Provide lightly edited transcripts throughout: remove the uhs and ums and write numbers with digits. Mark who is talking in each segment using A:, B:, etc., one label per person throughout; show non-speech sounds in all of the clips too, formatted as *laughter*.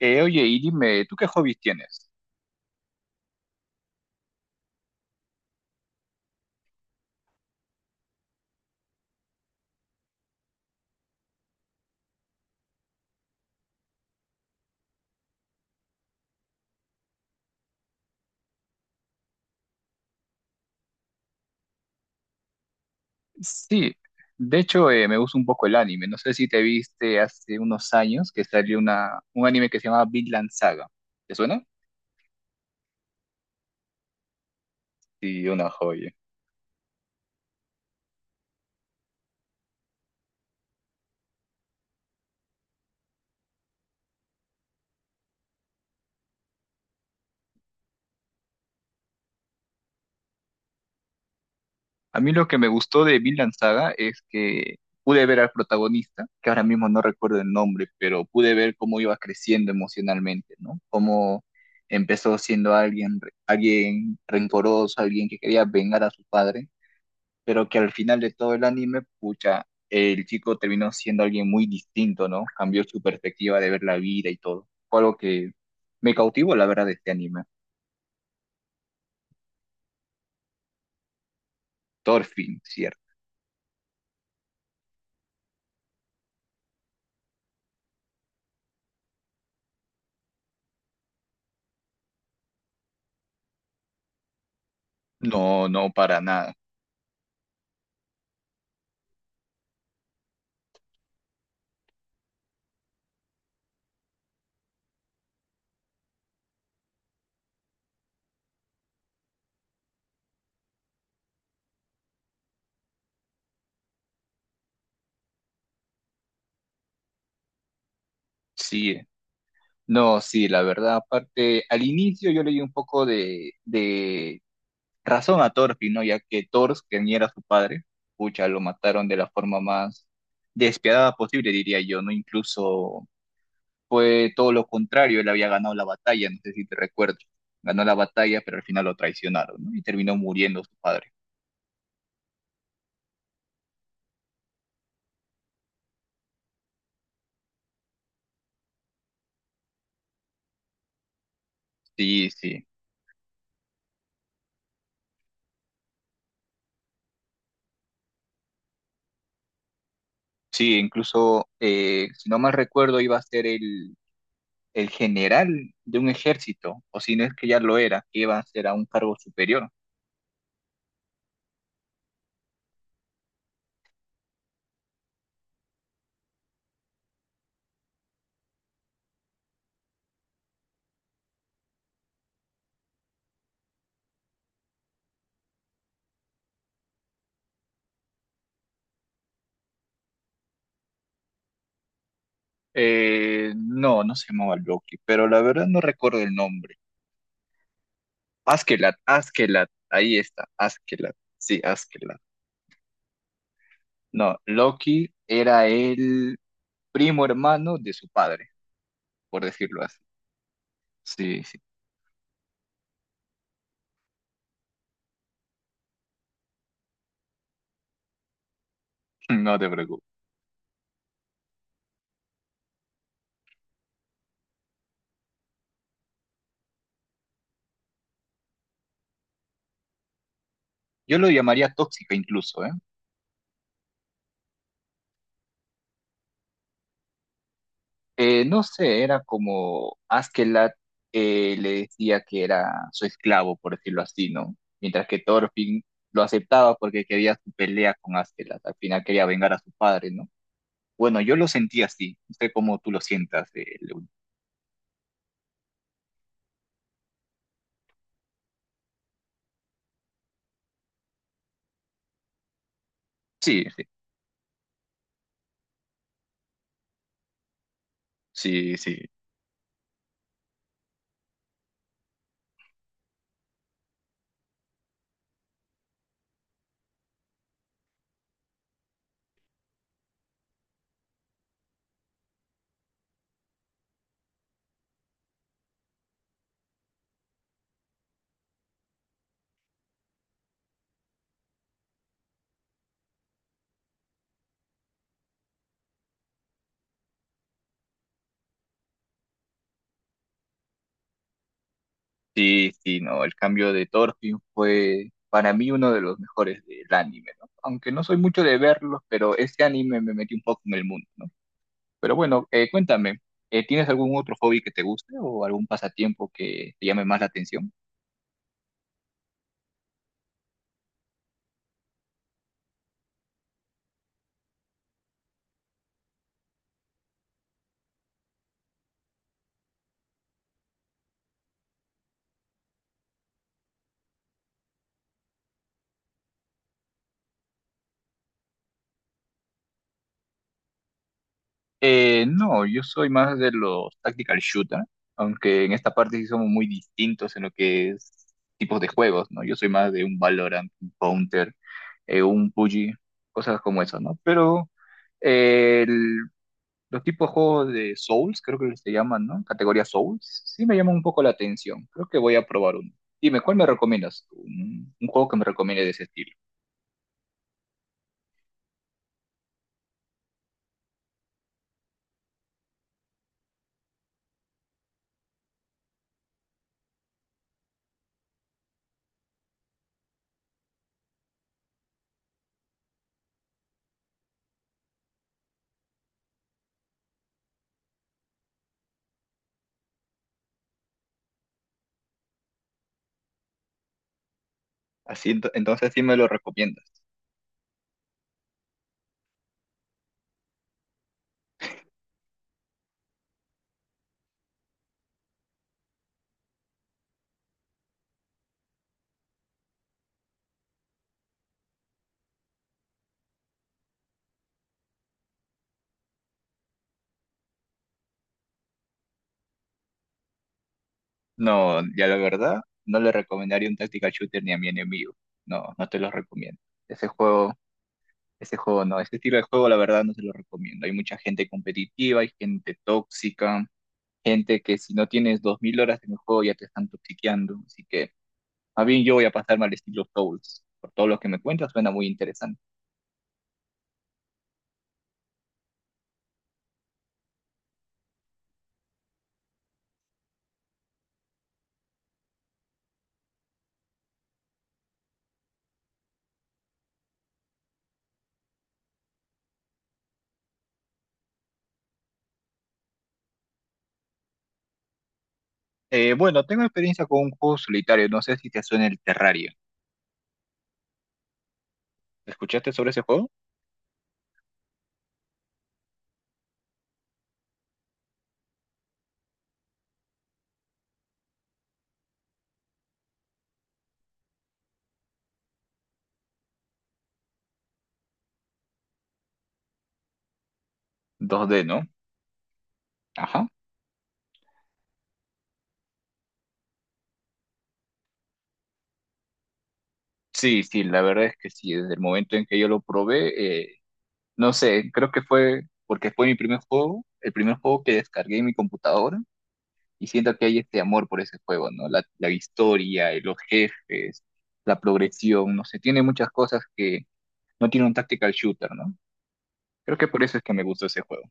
A: Oye, y dime, ¿tú qué hobbies tienes? Sí, de hecho me gusta un poco el anime. No sé si te viste hace unos años que salió un anime que se llama Vinland Saga. ¿Te suena? Sí, una joya. A mí lo que me gustó de Vinland Saga es que pude ver al protagonista, que ahora mismo no recuerdo el nombre, pero pude ver cómo iba creciendo emocionalmente, ¿no? Cómo empezó siendo alguien, alguien rencoroso, alguien que quería vengar a su padre pero que al final de todo el anime, pucha, el chico terminó siendo alguien muy distinto, ¿no? Cambió su perspectiva de ver la vida y todo. Fue algo que me cautivó, la verdad, de este anime. Thorfinn, ¿cierto? No, no, para nada. Sí, no, sí, la verdad, aparte, al inicio yo le di un poco de razón a Thorfinn, ¿no? Ya que Thor, que ni era su padre, pucha, lo mataron de la forma más despiadada posible, diría yo, ¿no? Incluso fue todo lo contrario, él había ganado la batalla, no sé si te recuerdo. Ganó la batalla, pero al final lo traicionaron, ¿no? Y terminó muriendo su padre. Sí, sí. Sí, incluso, si no mal recuerdo, iba a ser el general de un ejército, o si no es que ya lo era, que iba a ser a un cargo superior. No, no se llamaba Loki, pero la verdad no recuerdo el nombre. Askelat, Askelat, ahí está, Askelat, sí, Askelat. No, Loki era el primo hermano de su padre. Por decirlo así. Sí, sí, *laughs* no te preocupes. Yo lo llamaría tóxica incluso, ¿eh? No sé, era como Askeladd le decía que era su esclavo, por decirlo así, ¿no? Mientras que Thorfinn lo aceptaba porque quería su pelea con Askeladd, al final quería vengar a su padre, ¿no? Bueno, yo lo sentí así, no sé cómo tú lo sientas. Lewin. Sí, sí, sí, sí. Sí, sí, no, el cambio de Thorfinn fue para mí uno de los mejores del anime, ¿no? Aunque no soy mucho de verlos, pero este anime me metió un poco en el mundo, ¿no? Pero bueno, cuéntame, ¿tienes algún otro hobby que te guste o algún pasatiempo que te llame más la atención? No, yo soy más de los tactical shooter, aunque en esta parte sí somos muy distintos en lo que es tipos de juegos, ¿no? Yo soy más de un Valorant, un Counter, un PUBG, cosas como eso, ¿no? Pero... El Los tipos de juegos de Souls, creo que se llaman, ¿no? Categoría Souls, sí me llaman un poco la atención. Creo que voy a probar uno. Dime, ¿cuál me recomiendas tú? Un juego que me recomiende de ese estilo. Así, entonces sí me lo recomiendas. No, ya la verdad, no le recomendaría un tactical shooter ni a mi enemigo. No, no te lo recomiendo. Ese juego, ese juego no, ese estilo de juego la verdad no se lo recomiendo. Hay mucha gente competitiva, hay gente tóxica, gente que si no tienes 2000 horas en el juego ya te están toxiqueando. Así que más bien yo voy a pasarme al estilo Souls. Por todo lo que me cuentas, suena muy interesante. Bueno, tengo experiencia con un juego solitario. No sé si te suena el Terraria. ¿Escuchaste sobre ese juego? 2D, ¿no? Ajá. Sí, sí, la verdad es que sí. Desde el momento en que yo lo probé, no sé, creo que fue porque fue mi primer juego, el primer juego que descargué en mi computadora. Y siento que hay este amor por ese juego, ¿no? La historia, los jefes, la progresión, no sé, tiene muchas cosas que no tiene un tactical shooter, ¿no? Creo que por eso es que me gustó ese juego.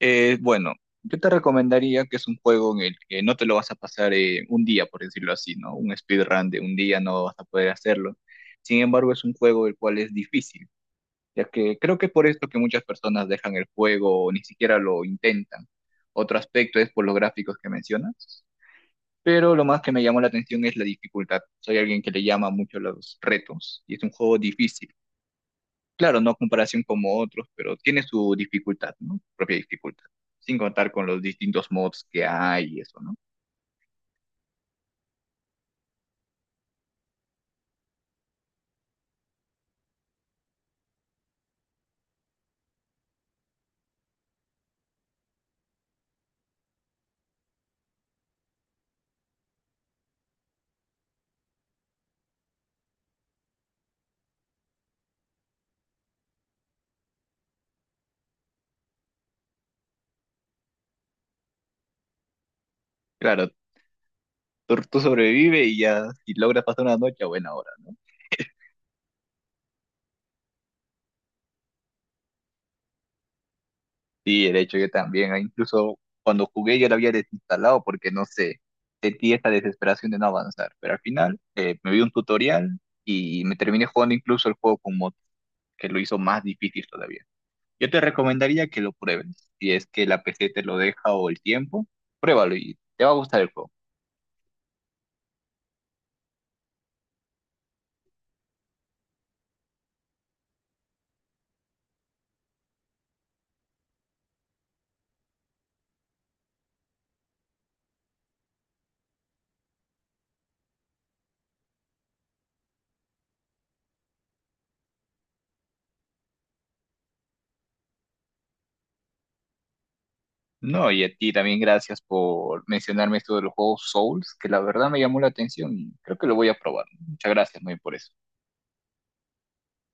A: Bueno, yo te recomendaría que es un juego en el que no te lo vas a pasar un día, por decirlo así, ¿no? Un speedrun de un día no vas a poder hacerlo. Sin embargo, es un juego el cual es difícil, ya que creo que es por esto que muchas personas dejan el juego o ni siquiera lo intentan. Otro aspecto es por los gráficos que mencionas, pero lo más que me llamó la atención es la dificultad. Soy alguien que le llama mucho los retos y es un juego difícil. Claro, no a comparación como otros, pero tiene su dificultad, ¿no? Propia dificultad. Sin contar con los distintos mods que hay y eso, ¿no? Claro, tú sobrevive y ya, si logras pasar una noche, a buena hora, ¿no? Sí, de hecho yo también, ah, incluso cuando jugué yo lo había desinstalado porque no sé, sentí esa desesperación de no avanzar. Pero al final me vi un tutorial y me terminé jugando incluso el juego con mods, que lo hizo más difícil todavía. Yo te recomendaría que lo pruebes. Si es que la PC te lo deja o el tiempo, pruébalo y te va a gustar el juego. No, y a ti también gracias por mencionarme esto de los juegos Souls, que la verdad me llamó la atención y creo que lo voy a probar. Muchas gracias, muy por eso.